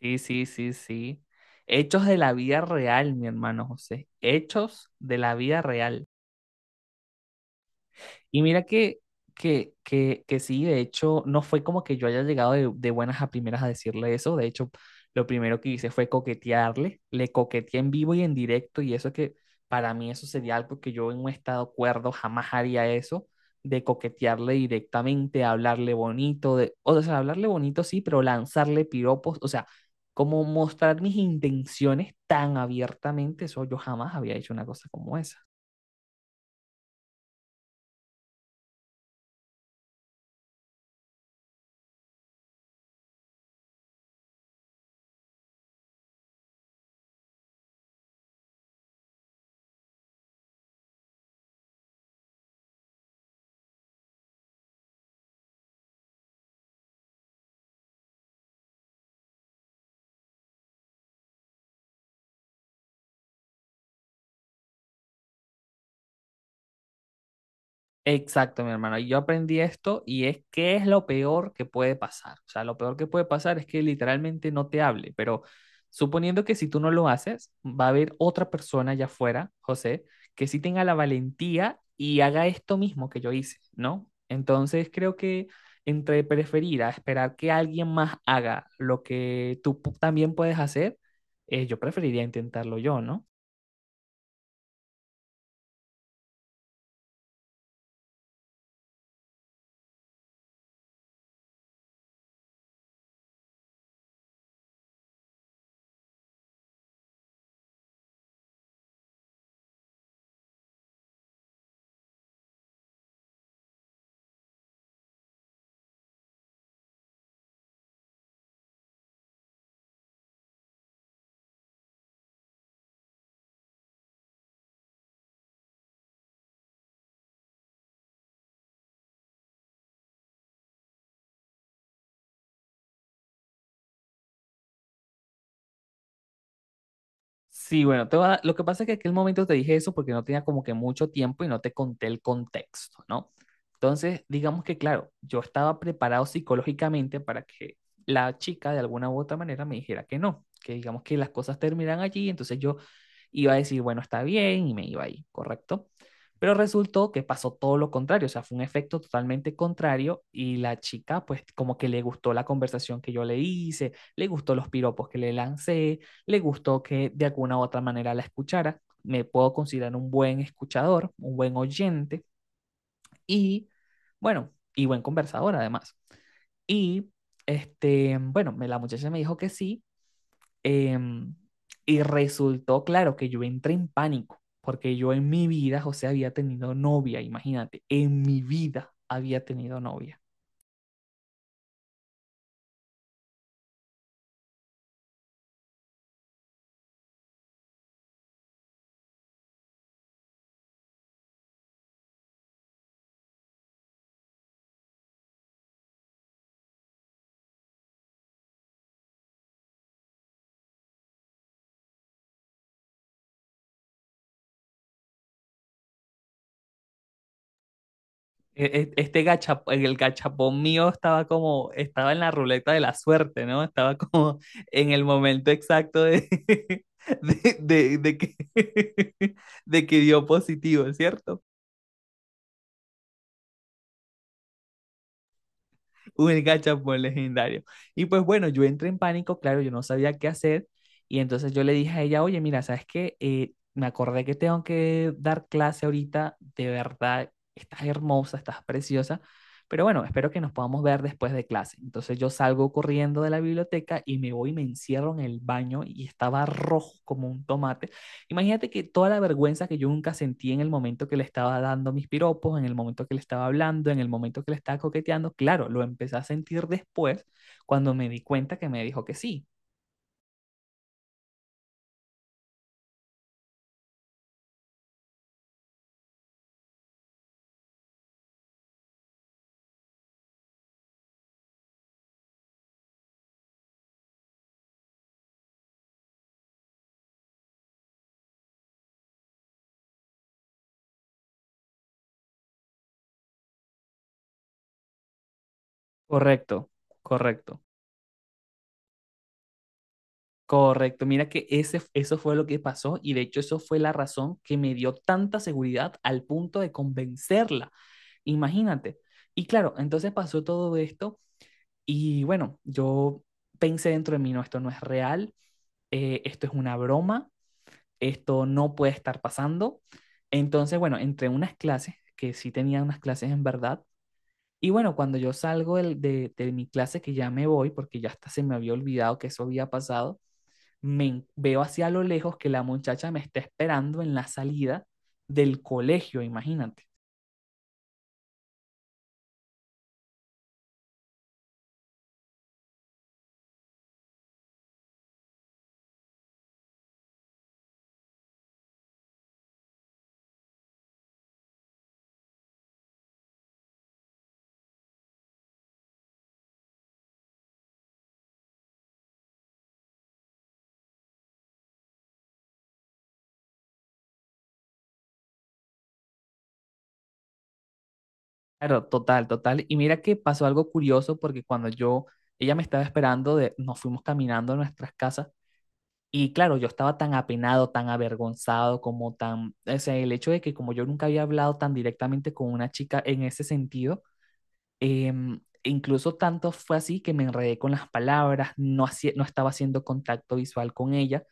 Sí, sí, sí, sí. Hechos de la vida real, mi hermano José. Hechos de la vida real. Y mira que sí, de hecho, no fue como que yo haya llegado de buenas a primeras a decirle eso. De hecho, lo primero que hice fue coquetearle. Le coqueteé en vivo y en directo y eso que para mí eso sería algo que yo en un estado cuerdo jamás haría eso de coquetearle directamente, hablarle bonito, de, o sea, hablarle bonito sí, pero lanzarle piropos, o sea, como mostrar mis intenciones tan abiertamente, eso yo jamás había hecho una cosa como esa. Exacto, mi hermano. Yo aprendí esto y es que es lo peor que puede pasar. O sea, lo peor que puede pasar es que literalmente no te hable, pero suponiendo que si tú no lo haces, va a haber otra persona allá afuera, José, que sí tenga la valentía y haga esto mismo que yo hice, ¿no? Entonces creo que entre preferir a esperar que alguien más haga lo que también puedes hacer, yo preferiría intentarlo yo, ¿no? Sí, bueno, te voy a dar- lo que pasa es que en aquel momento te dije eso porque no tenía como que mucho tiempo y no te conté el contexto, ¿no? Entonces, digamos que, claro, yo estaba preparado psicológicamente para que la chica de alguna u otra manera me dijera que no, que digamos que las cosas terminan allí, entonces yo iba a decir, bueno, está bien y me iba ahí, ¿correcto? Pero resultó que pasó todo lo contrario, o sea, fue un efecto totalmente contrario y la chica pues como que le gustó la conversación que yo le hice, le gustó los piropos que le lancé, le gustó que de alguna u otra manera la escuchara. Me puedo considerar un buen escuchador, un buen oyente y, bueno, y buen conversador además. Y, este, bueno, la muchacha me dijo que sí em, y resultó, claro, que yo entré en pánico porque yo en mi vida, José, había tenido novia, imagínate, en mi vida había tenido novia. El gachapón mío estaba como, estaba en la ruleta de la suerte, ¿no? Estaba como en el momento exacto de, de, de, de que, de que dio positivo, ¿cierto? Un gachapón legendario. Y pues bueno, yo entré en pánico, claro, yo no sabía qué hacer. Y entonces yo le dije a ella, oye, mira, ¿sabes qué? Me acordé que tengo que dar clase ahorita, de verdad, estás hermosa, estás preciosa, pero bueno, espero que nos podamos ver después de clase. Entonces yo salgo corriendo de la biblioteca y me voy y me encierro en el baño y estaba rojo como un tomate. Imagínate que toda la vergüenza que yo nunca sentí en el momento que le estaba dando mis piropos, en el momento que le estaba hablando, en el momento que le estaba coqueteando, claro, lo empecé a sentir después cuando me di cuenta que me dijo que sí. Correcto, correcto, correcto. Mira que ese, eso fue lo que pasó y de hecho eso fue la razón que me dio tanta seguridad al punto de convencerla. Imagínate. Y claro, entonces pasó todo esto y bueno, yo pensé dentro de mí, no, esto no es real, esto es una broma, esto no puede estar pasando. Entonces, bueno, entre unas clases, que sí tenía unas clases en verdad, y bueno, cuando yo salgo de mi clase, que ya me voy, porque ya hasta se me había olvidado que eso había pasado, veo hacia lo lejos que la muchacha me está esperando en la salida del colegio, imagínate. Claro, total, total. Y mira que pasó algo curioso porque cuando yo, ella me estaba esperando, de, nos fuimos caminando a nuestras casas. Y claro, yo estaba tan apenado, tan avergonzado, como tan, o sea, el hecho de que como yo nunca había hablado tan directamente con una chica en ese sentido, e incluso tanto fue así que me enredé con las palabras, no, no estaba haciendo contacto visual con ella,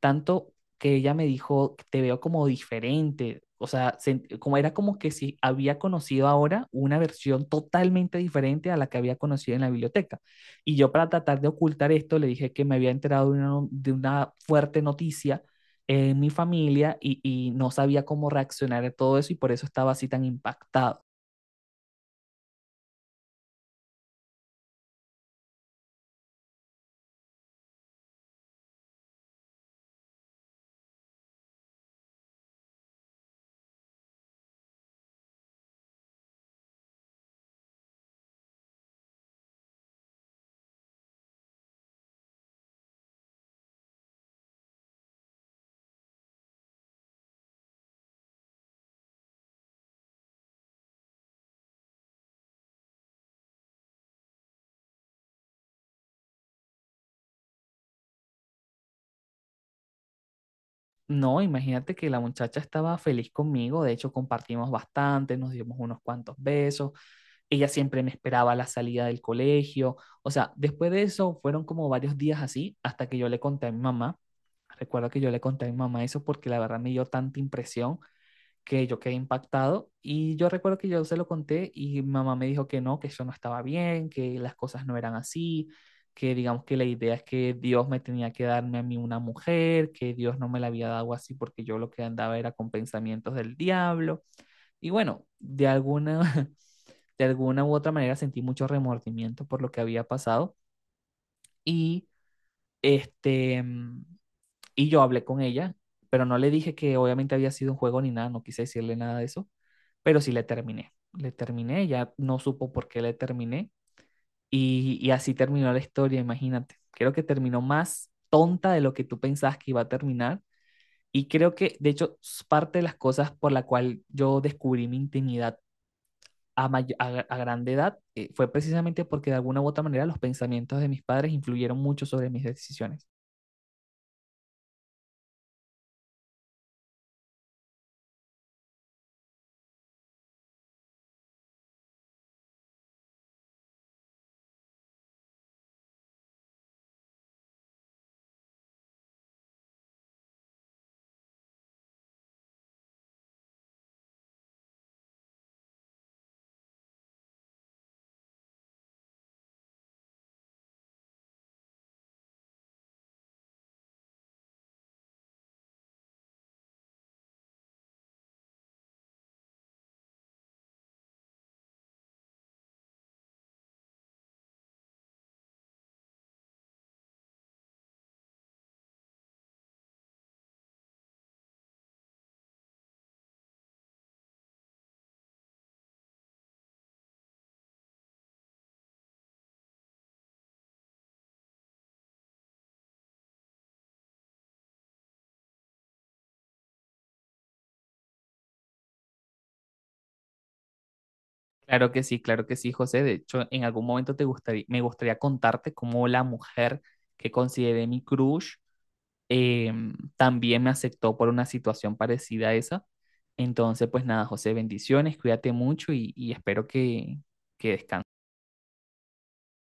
tanto que ella me dijo, te veo como diferente, o sea, como era como que si había conocido ahora una versión totalmente diferente a la que había conocido en la biblioteca. Y yo para tratar de ocultar esto le dije que me había enterado de una, no- de una fuerte noticia en mi familia y no sabía cómo reaccionar a todo eso y por eso estaba así tan impactado. No, imagínate que la muchacha estaba feliz conmigo, de hecho compartimos bastante, nos dimos unos cuantos besos, ella siempre me esperaba a la salida del colegio. O sea, después de eso fueron como varios días así hasta que yo le conté a mi mamá. Recuerdo que yo le conté a mi mamá eso porque la verdad me dio tanta impresión que yo quedé impactado y yo recuerdo que yo se lo conté y mi mamá me dijo que no, que yo no estaba bien, que las cosas no eran así, que digamos que la idea es que Dios me tenía que darme a mí una mujer, que Dios no me la había dado así porque yo lo que andaba era con pensamientos del diablo. Y bueno, de alguna, de alguna u otra manera sentí mucho remordimiento por lo que había pasado y este, mm, y yo hablé con ella, pero no le dije que obviamente había sido un juego ni nada, no quise decirle nada de eso, pero sí le terminé. Le terminé, ella no supo por qué le terminé. Y, y así terminó la historia, imagínate. Creo que terminó más tonta de lo que tú pensabas que iba a terminar y creo que de hecho parte de las cosas por la cual yo descubrí mi intimidad a grande edad fue precisamente porque de alguna u otra manera los pensamientos de mis padres influyeron mucho sobre mis decisiones. Claro que sí, José. De hecho, en algún momento te gustaría, me gustaría contarte cómo la mujer que consideré mi crush eh, también me aceptó por una situación parecida a esa. Entonces, pues nada, José, bendiciones, cuídate mucho y espero que descanses.